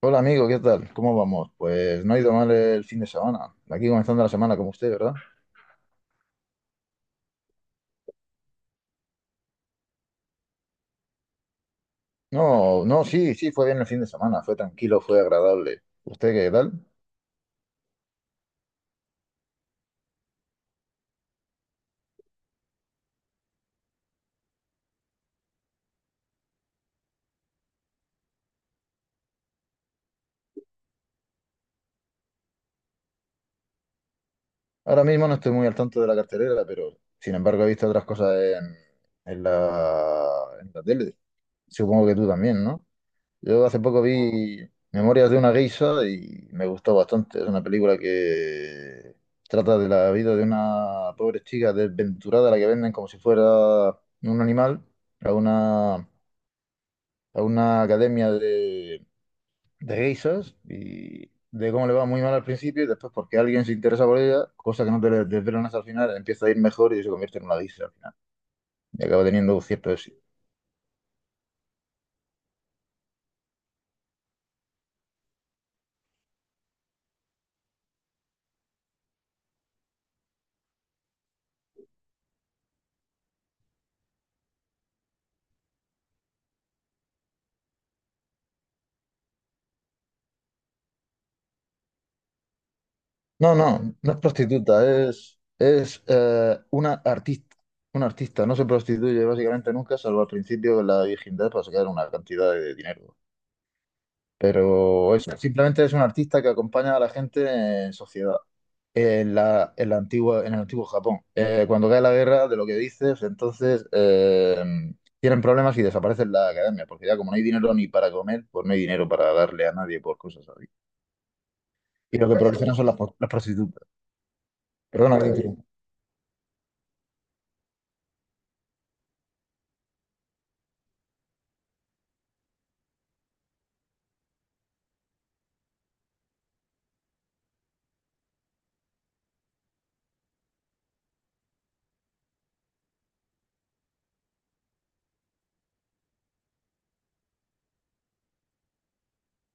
Hola amigo, ¿qué tal? ¿Cómo vamos? Pues no ha ido mal el fin de semana. Aquí comenzando la semana como usted, ¿verdad? No, no, sí, sí, fue bien el fin de semana. Fue tranquilo, fue agradable. ¿Usted qué tal? Ahora mismo no estoy muy al tanto de la cartelera, pero sin embargo he visto otras cosas en la, en la tele. Supongo que tú también, ¿no? Yo hace poco vi Memorias de una geisha y me gustó bastante. Es una película que trata de la vida de una pobre chica desventurada a la que venden como si fuera un animal a una academia de geishas y de cómo le va muy mal al principio y después porque alguien se interesa por ella, cosa que no te desvelan hasta el final, empieza a ir mejor y se convierte en una geisha al final. Y acaba teniendo cierto éxito. No, no, no es prostituta, es una artista. Una artista no se prostituye básicamente nunca, salvo al principio de la virginidad para sacar una cantidad de dinero. Simplemente es un artista que acompaña a la gente en sociedad. En el antiguo Japón. Cuando cae la guerra, de lo que dices, entonces tienen problemas y desaparecen la academia, porque ya como no hay dinero ni para comer, pues no hay dinero para darle a nadie por cosas así. Y lo que proliferan son las prostitutas. Perdona que te interrumpa.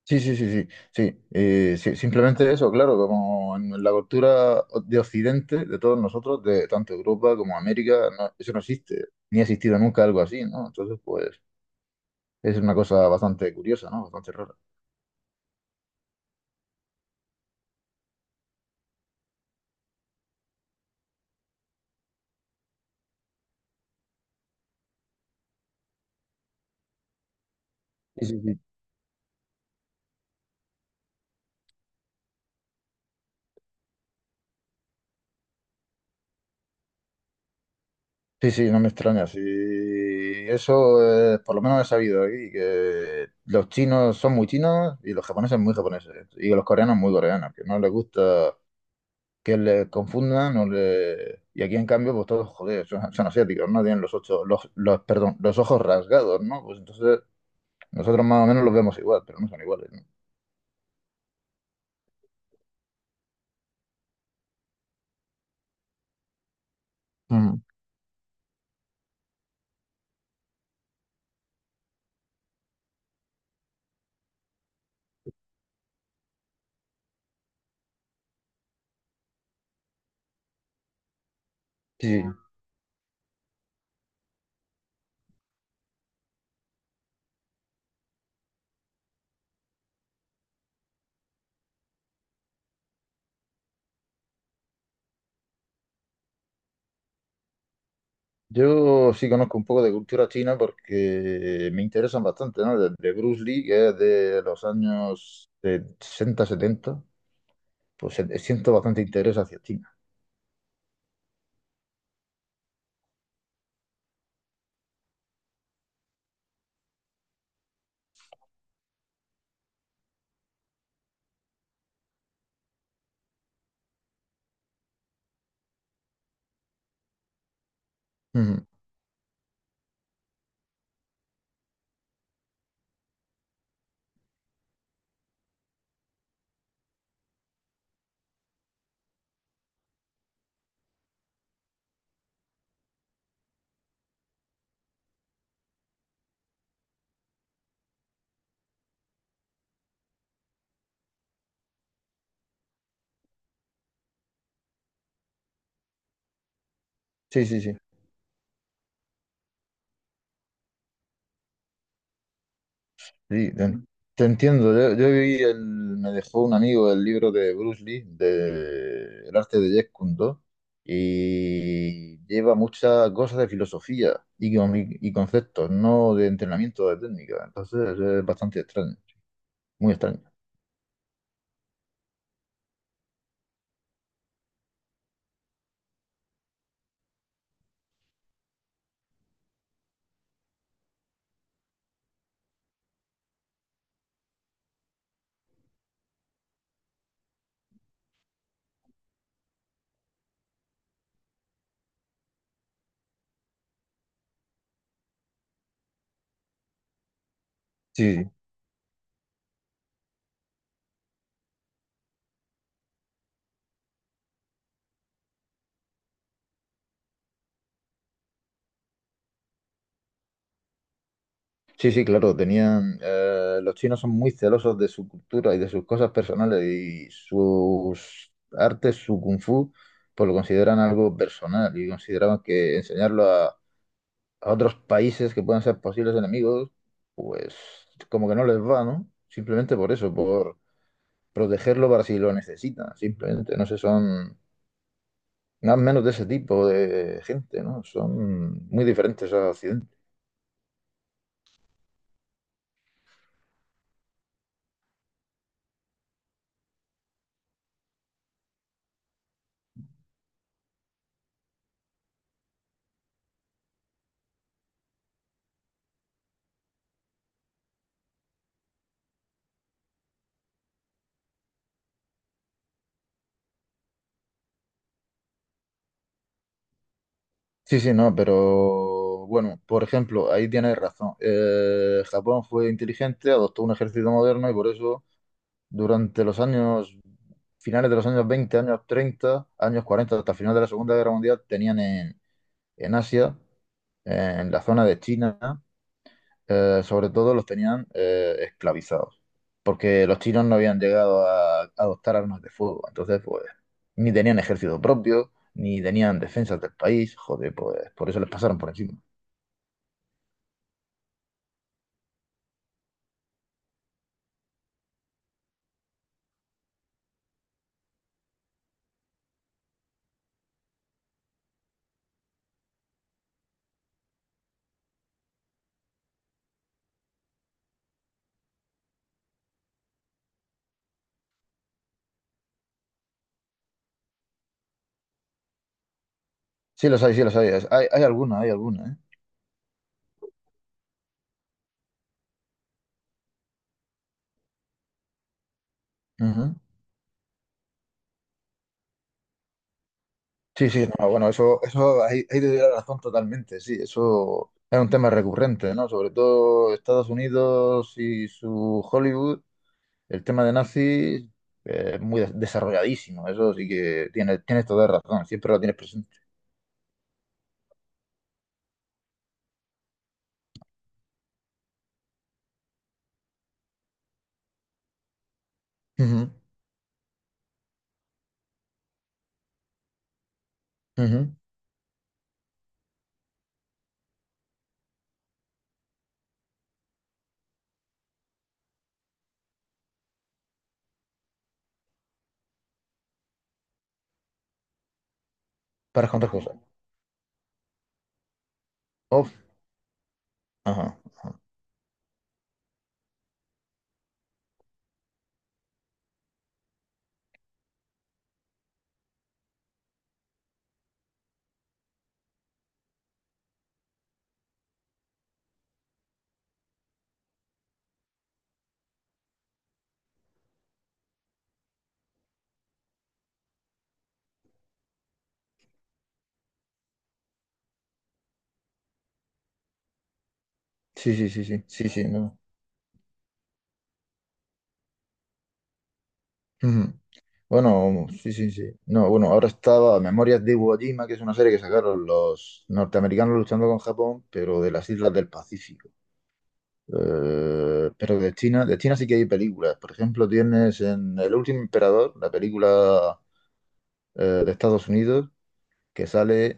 Sí, sí, sí, sí, sí, sí, simplemente eso, claro, como en la cultura de Occidente, de todos nosotros, de tanto Europa como América, eso no existe, ni ha existido nunca algo así, ¿no? Entonces, pues, es una cosa bastante curiosa, ¿no? Bastante rara. Sí, sí, sí. Sí, sí, no me extraña, sí, eso, por lo menos he sabido aquí, que los chinos son muy chinos y los japoneses muy japoneses, y los coreanos muy coreanos, que no les gusta que le confundan o le... Y aquí en cambio, pues todos, joder, son asiáticos, ¿no? Tienen los ocho, los, perdón, los ojos rasgados, ¿no? Pues entonces nosotros más o menos los vemos igual, pero no son iguales, ¿no? Mm. Sí, yo sí conozco un poco de cultura china porque me interesan bastante, ¿no? De Bruce Lee, que es de los años de 60, 70, pues siento bastante interés hacia China. Ujú. Sí, sí, sí. Sí, te entiendo. Yo me dejó un amigo el libro de Bruce Lee, de El arte de Jeet Kune Do, y lleva muchas cosas de filosofía y conceptos, no de entrenamiento de técnica. Entonces es bastante extraño, muy extraño. Sí, sí, sí, sí, claro, los chinos son muy celosos de su cultura y de sus cosas personales y sus artes, su kung fu, pues lo consideran algo personal y consideraban que enseñarlo a otros países que puedan ser posibles enemigos, pues como que no les va, ¿no? Simplemente por eso, por protegerlo para si lo necesitan, simplemente, no sé, son más o menos de ese tipo de gente, ¿no? Son muy diferentes a Occidente. Sí, sí, no, pero bueno, por ejemplo, ahí tienes razón. Japón fue inteligente, adoptó un ejército moderno y por eso durante finales de los años 20, años 30, años 40, hasta el final de la Segunda Guerra Mundial, tenían en Asia, en la zona de China, sobre todo los tenían esclavizados, porque los chinos no habían llegado a adoptar armas de fuego, entonces pues ni tenían ejército propio, ni tenían defensas del país, joder, pues por eso les pasaron por encima. Sí los hay, hay alguna, hay alguna, ¿eh? Ujú. Sí, sí, no, bueno, eso, ahí, ahí te doy la razón totalmente, sí, eso es un tema recurrente, ¿no? Sobre todo Estados Unidos y su Hollywood. El tema de nazis es muy desarrolladísimo, eso sí que tienes toda la razón, siempre lo tienes presente. Ujú, ujú, para contar cosas. Uf, ajá, ajá. Sí, sí, sí, sí, sí, sí, no. Ujú. Bueno, sí, sí, sí. No, bueno, ahora estaba Memorias de Iwo Jima, que es una serie que sacaron los norteamericanos luchando con Japón, pero de las islas del Pacífico. Pero de China sí que hay películas. Por ejemplo, tienes en El Último Emperador, la película de Estados Unidos, que sale,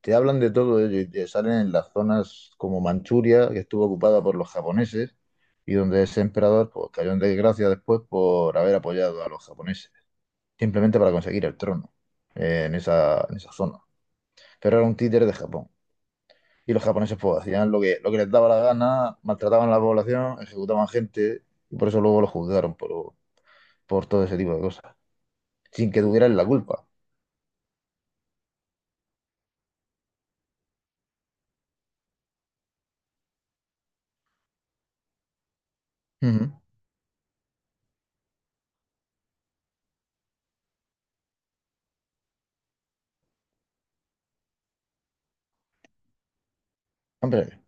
te hablan de todo ello y te salen en las zonas como Manchuria, que estuvo ocupada por los japoneses y donde ese emperador pues, cayó en desgracia después por haber apoyado a los japoneses, simplemente para conseguir el trono en esa zona. Pero era un títere de Japón. Y los japoneses pues, hacían lo que les daba la gana, maltrataban a la población, ejecutaban gente y por eso luego los juzgaron por todo ese tipo de cosas, sin que tuvieran la culpa. Ujú. Hombre,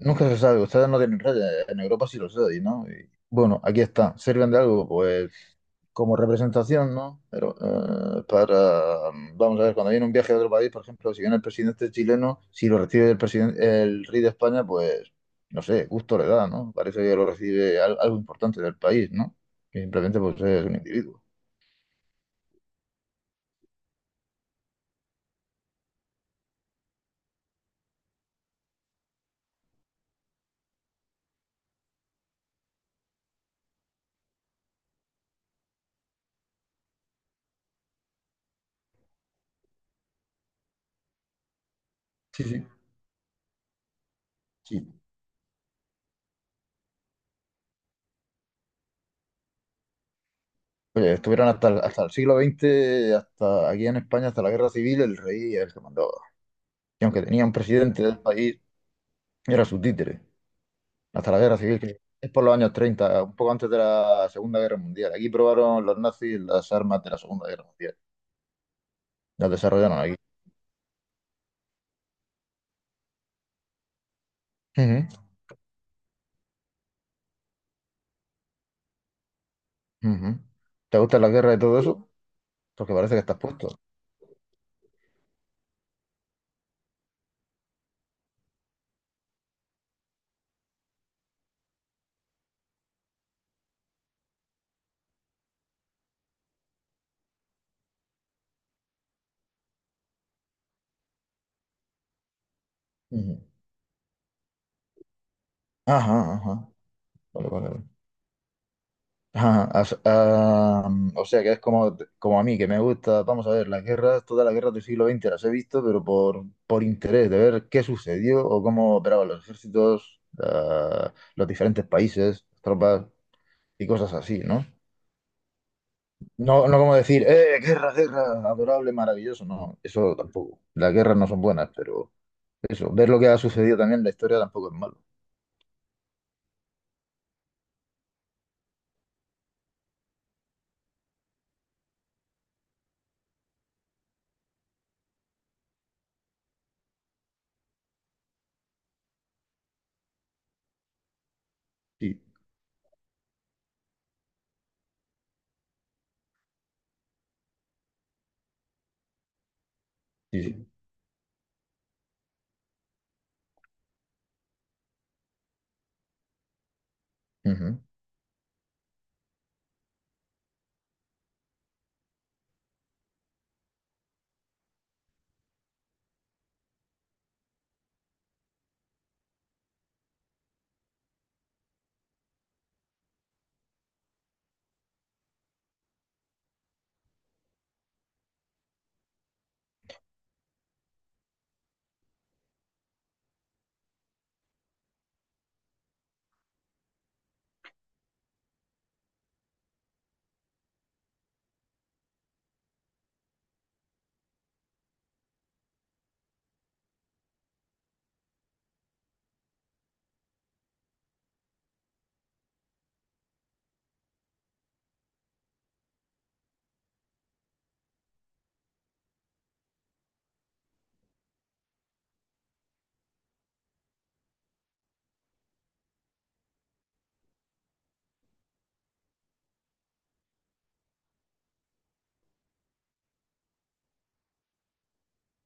nunca se sabe. Ustedes no tienen redes. En Europa sí lo sé, y ¿no? Y, bueno, aquí está. Sirven de algo, pues, como representación, ¿no? Pero vamos a ver, cuando viene un viaje a otro país, por ejemplo, si viene el presidente chileno, si lo recibe el presidente, el rey de España, pues, no sé, gusto le da, ¿no? Parece que lo recibe algo importante del país, ¿no? Que simplemente, pues, es un individuo. Sí, sí. Sí. Oye, estuvieron hasta hasta el siglo XX, hasta aquí en España, hasta la guerra civil, el rey es el que mandaba. Y aunque tenía un presidente del país, era su títere, hasta la guerra civil, que es por los años 30 un poco antes de la Segunda Guerra Mundial. Aquí probaron los nazis las armas de la Segunda Guerra Mundial. Las desarrollaron aquí. Ujú, ujú. ¿Te gustan las guerras y todo eso? Porque parece que estás puesto. Ujú. Ajá, ajá. Vale, vale, vale. Ajá, ah, o sea que es como a mí, que me gusta, vamos a ver, las guerras, todas las guerras del siglo XX las he visto, pero por interés de ver qué sucedió o cómo operaban los ejércitos, ah, los diferentes países, tropas y cosas así, ¿no? No, no como decir, guerra, guerra, adorable, maravilloso, no, eso tampoco. Las guerras no son buenas, pero eso, ver lo que ha sucedido también en la historia tampoco es malo. Sí, sí, sí. Ujú.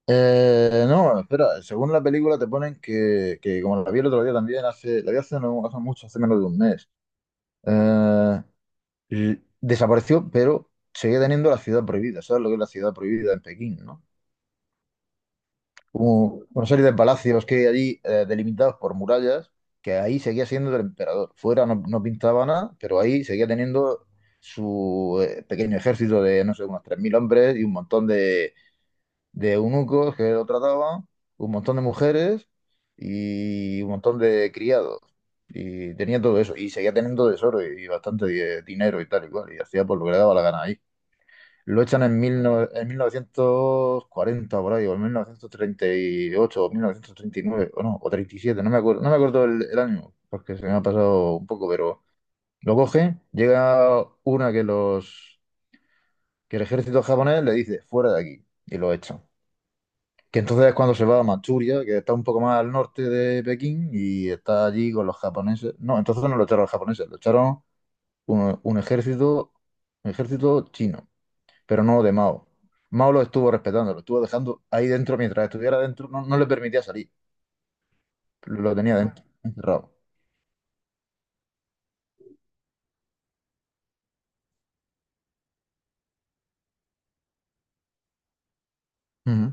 No, bueno, espera, según la película te ponen que como la vi el otro día también, la vi hace, no, hace mucho, hace menos de un mes, eh, y desapareció, pero seguía teniendo la ciudad prohibida, ¿sabes lo que es la ciudad prohibida en Pekín, ¿no? Como una serie de palacios que hay allí, delimitados por murallas, que ahí seguía siendo del emperador. Fuera no, no pintaba nada, pero ahí seguía teniendo su pequeño ejército de, no sé, unos 3.000 hombres y un montón de eunucos que lo trataban, un montón de mujeres y un montón de criados. Y tenía todo eso, y seguía teniendo tesoro y bastante dinero y tal y cual, y hacía por lo que le daba la gana ahí. Lo echan en, mil no- en 1940 por ahí, o en 1938, o 1939 o no, o 37, no me acuerdo el año, porque se me ha pasado un poco, pero lo coge, llega una que el ejército japonés le dice, fuera de aquí, y lo echan, que entonces es cuando se va a Manchuria, que está un poco más al norte de Pekín y está allí con los japoneses. No, entonces no lo echaron los japoneses, lo echaron un, un ejército, un ejército chino, pero no de Mao. Mao lo estuvo respetando, lo estuvo dejando ahí dentro mientras estuviera dentro, no, no le permitía salir, lo tenía dentro, encerrado. Ujú,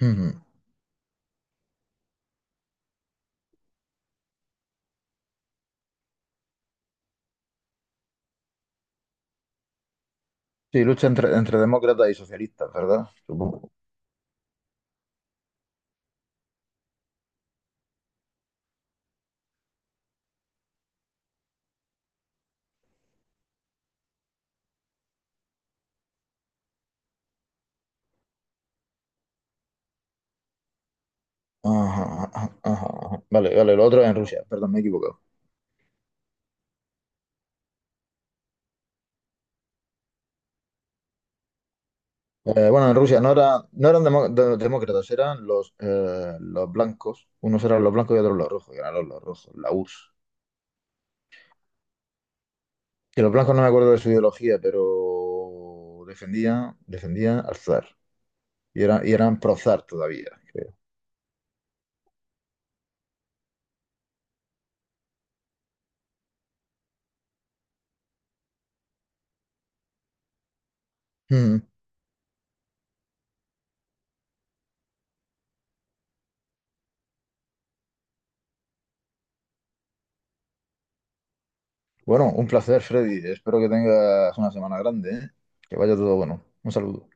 ujú. Sí, lucha entre demócratas y socialistas, ¿verdad? Supongo. Ajá, ajá, ajá, ajá. Vale, vale, lo otro es en Rusia, perdón, me he equivocado. Bueno, en Rusia no, no eran demócratas, eran los blancos. Unos eran los blancos y otros los rojos, y eran los rojos, la URSS. Que los blancos no me acuerdo de su ideología, pero defendían al zar. Y eran pro zar todavía, creo. Mm. Bueno, un placer, Freddy. Espero que tengas una semana grande, ¿eh? Que vaya todo bueno. Un saludo.